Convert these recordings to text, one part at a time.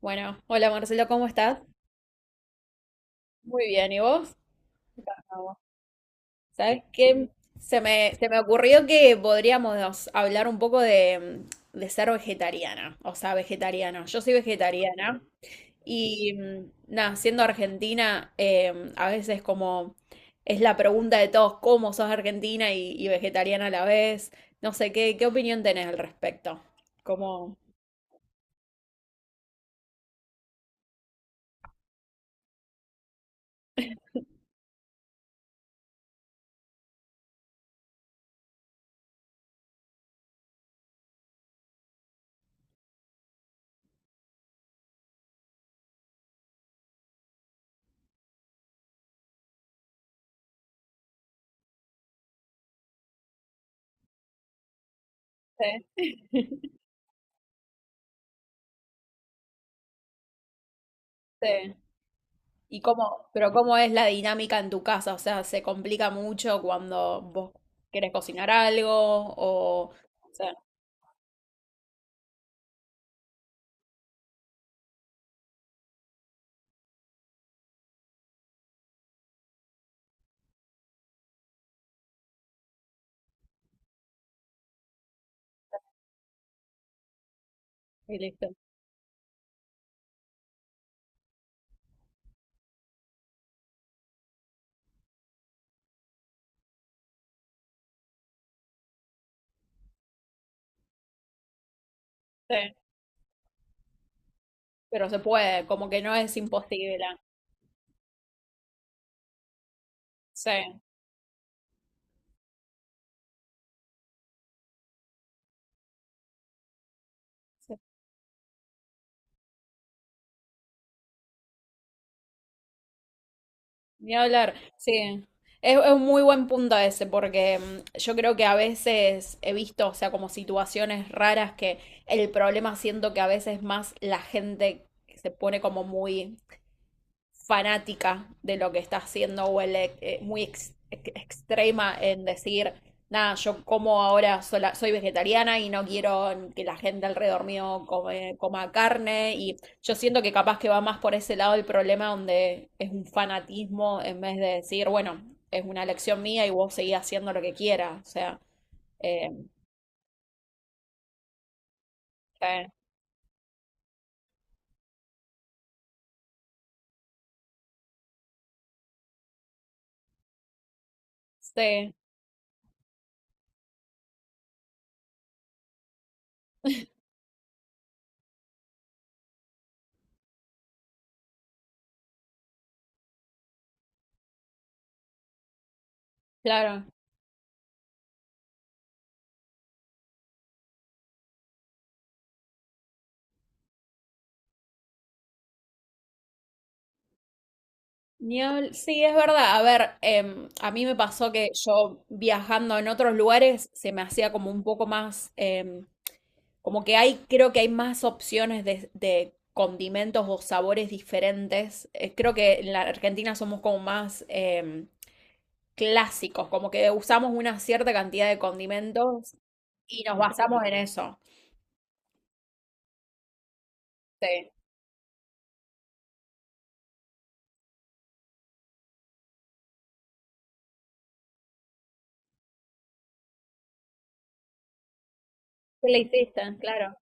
Bueno, hola Marcelo, ¿cómo estás? Muy bien, ¿y vos? Bravo. ¿Sabes qué? Se me ocurrió que podríamos hablar un poco de ser vegetariana, o sea, vegetariano. Yo soy vegetariana y nada, siendo argentina, a veces como es la pregunta de todos, ¿cómo sos argentina y vegetariana a la vez? No sé, ¿ qué opinión tenés al respecto? Como... Sí, sí. ¿Y cómo, pero cómo es la dinámica en tu casa? O sea, ¿se complica mucho cuando vos querés cocinar algo o sea, y listo. Sí, pero se puede, como que no es imposible. Sí, sí, ni hablar. Sí, es un muy buen punto ese porque yo creo que a veces he visto, o sea, como situaciones raras que el problema siento que a veces más la gente se pone como muy fanática de lo que está haciendo o el, muy extrema en decir, nada, yo como ahora soy vegetariana y no quiero que la gente alrededor mío coma carne. Y yo siento que capaz que va más por ese lado el problema donde es un fanatismo en vez de decir, bueno, es una elección mía y vos seguís haciendo lo que quieras. O sea, eh, eh, sí, claro. Ni sí, es verdad. A ver, a mí me pasó que yo viajando en otros lugares se me hacía como un poco más, como que hay, creo que hay más opciones de condimentos o sabores diferentes. Creo que en la Argentina somos como más clásicos, como que usamos una cierta cantidad de condimentos y nos basamos en eso. Sí. ¿Qué le hiciste? Claro.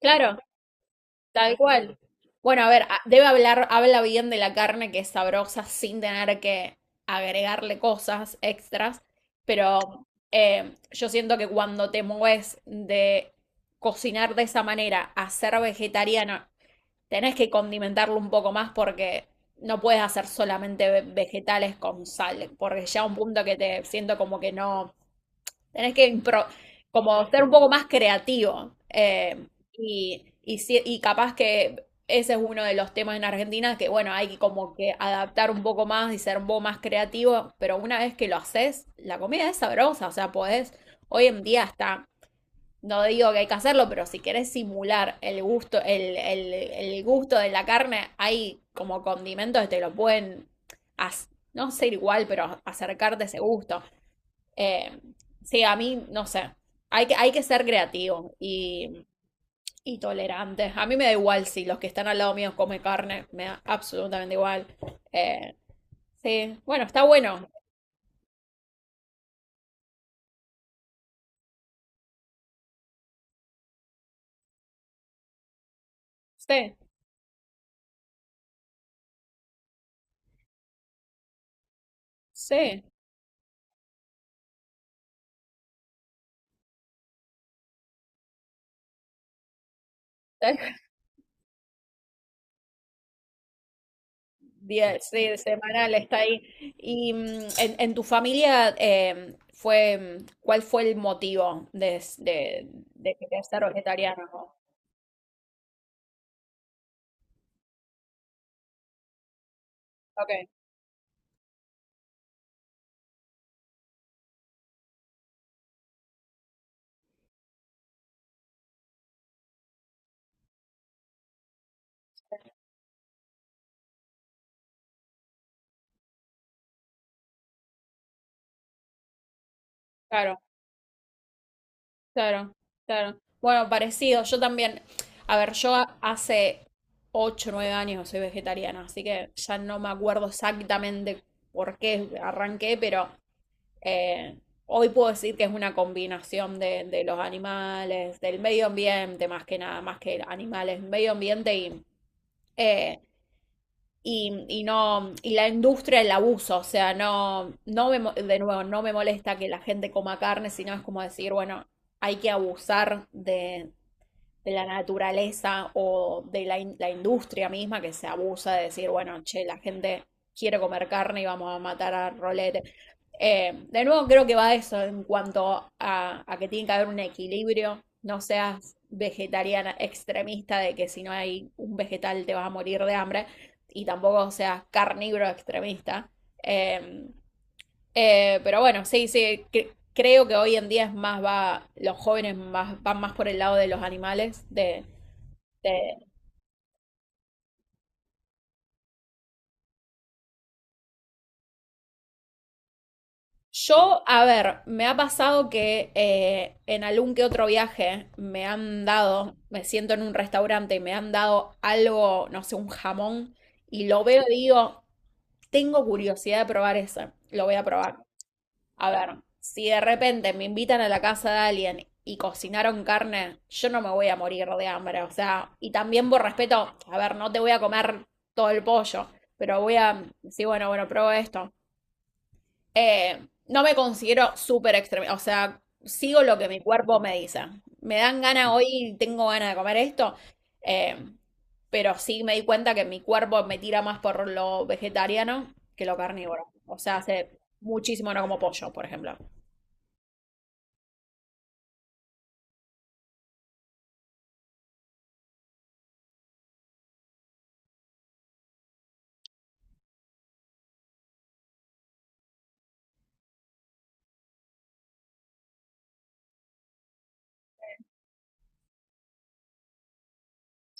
Claro, tal cual. Bueno, a ver, debe hablar, habla bien de la carne que es sabrosa sin tener que agregarle cosas extras, pero yo siento que cuando te mueves de cocinar de esa manera a ser vegetariano, tenés que condimentarlo un poco más porque no puedes hacer solamente vegetales con sal, porque ya un punto que te siento como que no tenés que como ser un poco más creativo. Y, si- y capaz que ese es uno de los temas en Argentina que, bueno, hay que como que adaptar un poco más y ser un poco más creativo, pero una vez que lo haces, la comida es sabrosa, o sea, podés, hoy en día está, no digo que hay que hacerlo, pero si querés simular el gusto, el gusto de la carne, hay como condimentos que te lo pueden, no ser igual, pero acercarte a ese gusto. Eh, sí, a mí, no sé, hay que ser creativo y tolerante. A mí me da igual si los que están al lado mío comen carne, me da absolutamente igual. Eh, sí, bueno, está bueno. Sí, sí. Diez, sí, semanal está ahí. Y en tu familia fue, ¿cuál fue el motivo de que te hacer vegetariano? Ok, claro. Claro, claro. Bueno, parecido. Yo también. A ver, yo hace 8, 9 años soy vegetariana, así que ya no me acuerdo exactamente por qué arranqué, pero eh, hoy puedo decir que es una combinación de los animales, del medio ambiente, más que nada, más que animales, medio ambiente eh, y no, y la industria del abuso, o sea, no, no me, de nuevo, no me molesta que la gente coma carne, sino es como decir, bueno, hay que abusar de la naturaleza o de la, la industria misma que se abusa de decir, bueno, che, la gente quiere comer carne y vamos a matar a rolete. De nuevo, creo que va a eso en cuanto a que tiene que haber un equilibrio. No seas vegetariana extremista de que si no hay un vegetal te vas a morir de hambre y tampoco seas carnívoro extremista. Eh, pero bueno, sí, sí, creo que hoy en día es más, va, los jóvenes más, van más por el lado de los animales, de- yo, a ver, me ha pasado que en algún que otro viaje me han dado, me siento en un restaurante y me han dado algo, no sé, un jamón, y lo veo y digo, tengo curiosidad de probar eso, lo voy a probar. A ver, si de repente me invitan a la casa de alguien y cocinaron carne, yo no me voy a morir de hambre. O sea, y también por respeto, a ver, no te voy a comer todo el pollo, pero voy a decir, bueno, bueno, pruebo esto. Eh, no me considero súper extremista. O sea, sigo lo que mi cuerpo me dice. Me dan ganas hoy, tengo ganas de comer esto. eh, pero sí me di cuenta que mi cuerpo me tira más por lo vegetariano que lo carnívoro. O sea, hace muchísimo no como pollo, por ejemplo.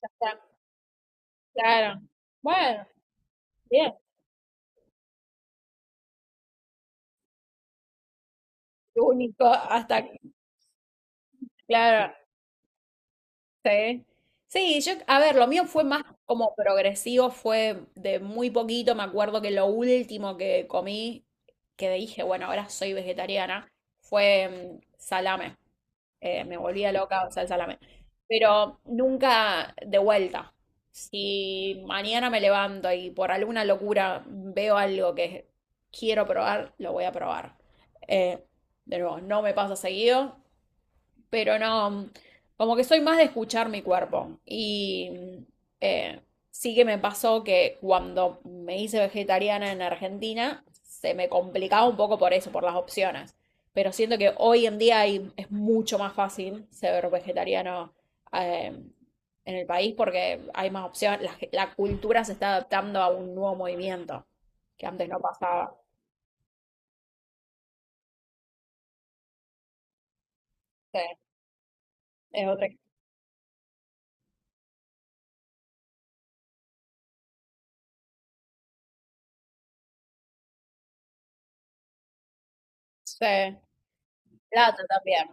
Hasta- claro. Bueno, bien. Único hasta, claro, sí. Sí, yo, a ver, lo mío fue más como progresivo, fue de muy poquito. Me acuerdo que lo último que comí, que dije, bueno, ahora soy vegetariana, fue salame. Me volvía loca, salsa salame. Pero nunca de vuelta. Si mañana me levanto y por alguna locura veo algo que quiero probar, lo voy a probar. Eh, de nuevo, no me pasa seguido, pero no, como que soy más de escuchar mi cuerpo. Y eh, sí que me pasó que cuando me hice vegetariana en Argentina, se me complicaba un poco por eso, por las opciones. Pero siento que hoy en día hay- es mucho más fácil ser vegetariano eh, en el país porque hay más opciones. La, la cultura se está adaptando a un nuevo movimiento que antes no pasaba. Sí, es otra. Sí, plata también.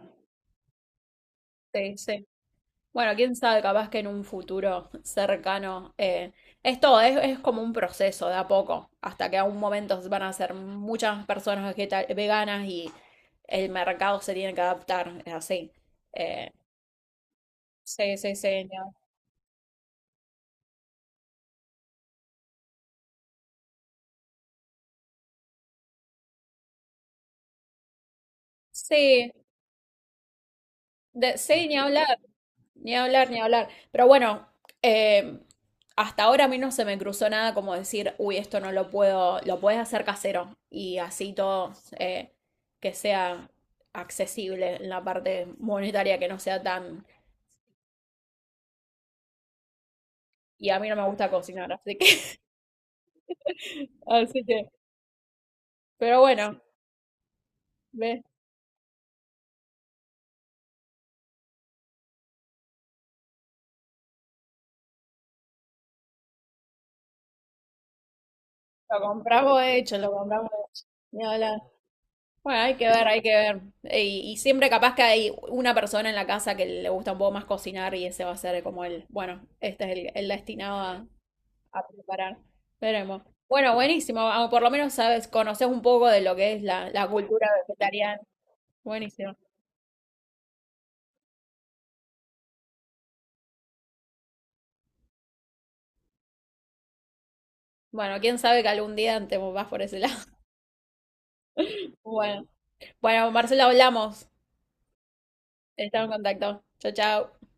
Sí, sí. Bueno, quién sabe, capaz que en un futuro cercano. Esto es como un proceso de a poco, hasta que a un momento van a ser muchas más personas veganas y el mercado se tiene que adaptar, es así. Eh, sí, sí, sí. Ni hab- sí, sí, ni hablar. Ni hablar, ni hablar. Pero bueno, eh, hasta ahora a mí no se me cruzó nada como decir, uy, esto no lo puedo, lo puedes hacer casero y así todo eh, que sea accesible en la parte monetaria, que no sea tan... Y a mí no me gusta cocinar, así que... Así que, pero bueno, ¿ves? Lo compramos hecho, lo compramos hecho. Ni hablar. Bueno, hay que ver, hay que ver. Y, y siempre capaz que hay una persona en la casa que le gusta un poco más cocinar y ese va a ser como el, bueno, este es el destinado a preparar. Veremos. Bueno, buenísimo. Ah, por lo menos sabes, conoces un poco de lo que es la, la cultura vegetariana. Buenísimo. Bueno, quién sabe que algún día te vas por ese lado. Bueno, bueno, Marcelo, hablamos. Estamos en contacto. Chao, chao.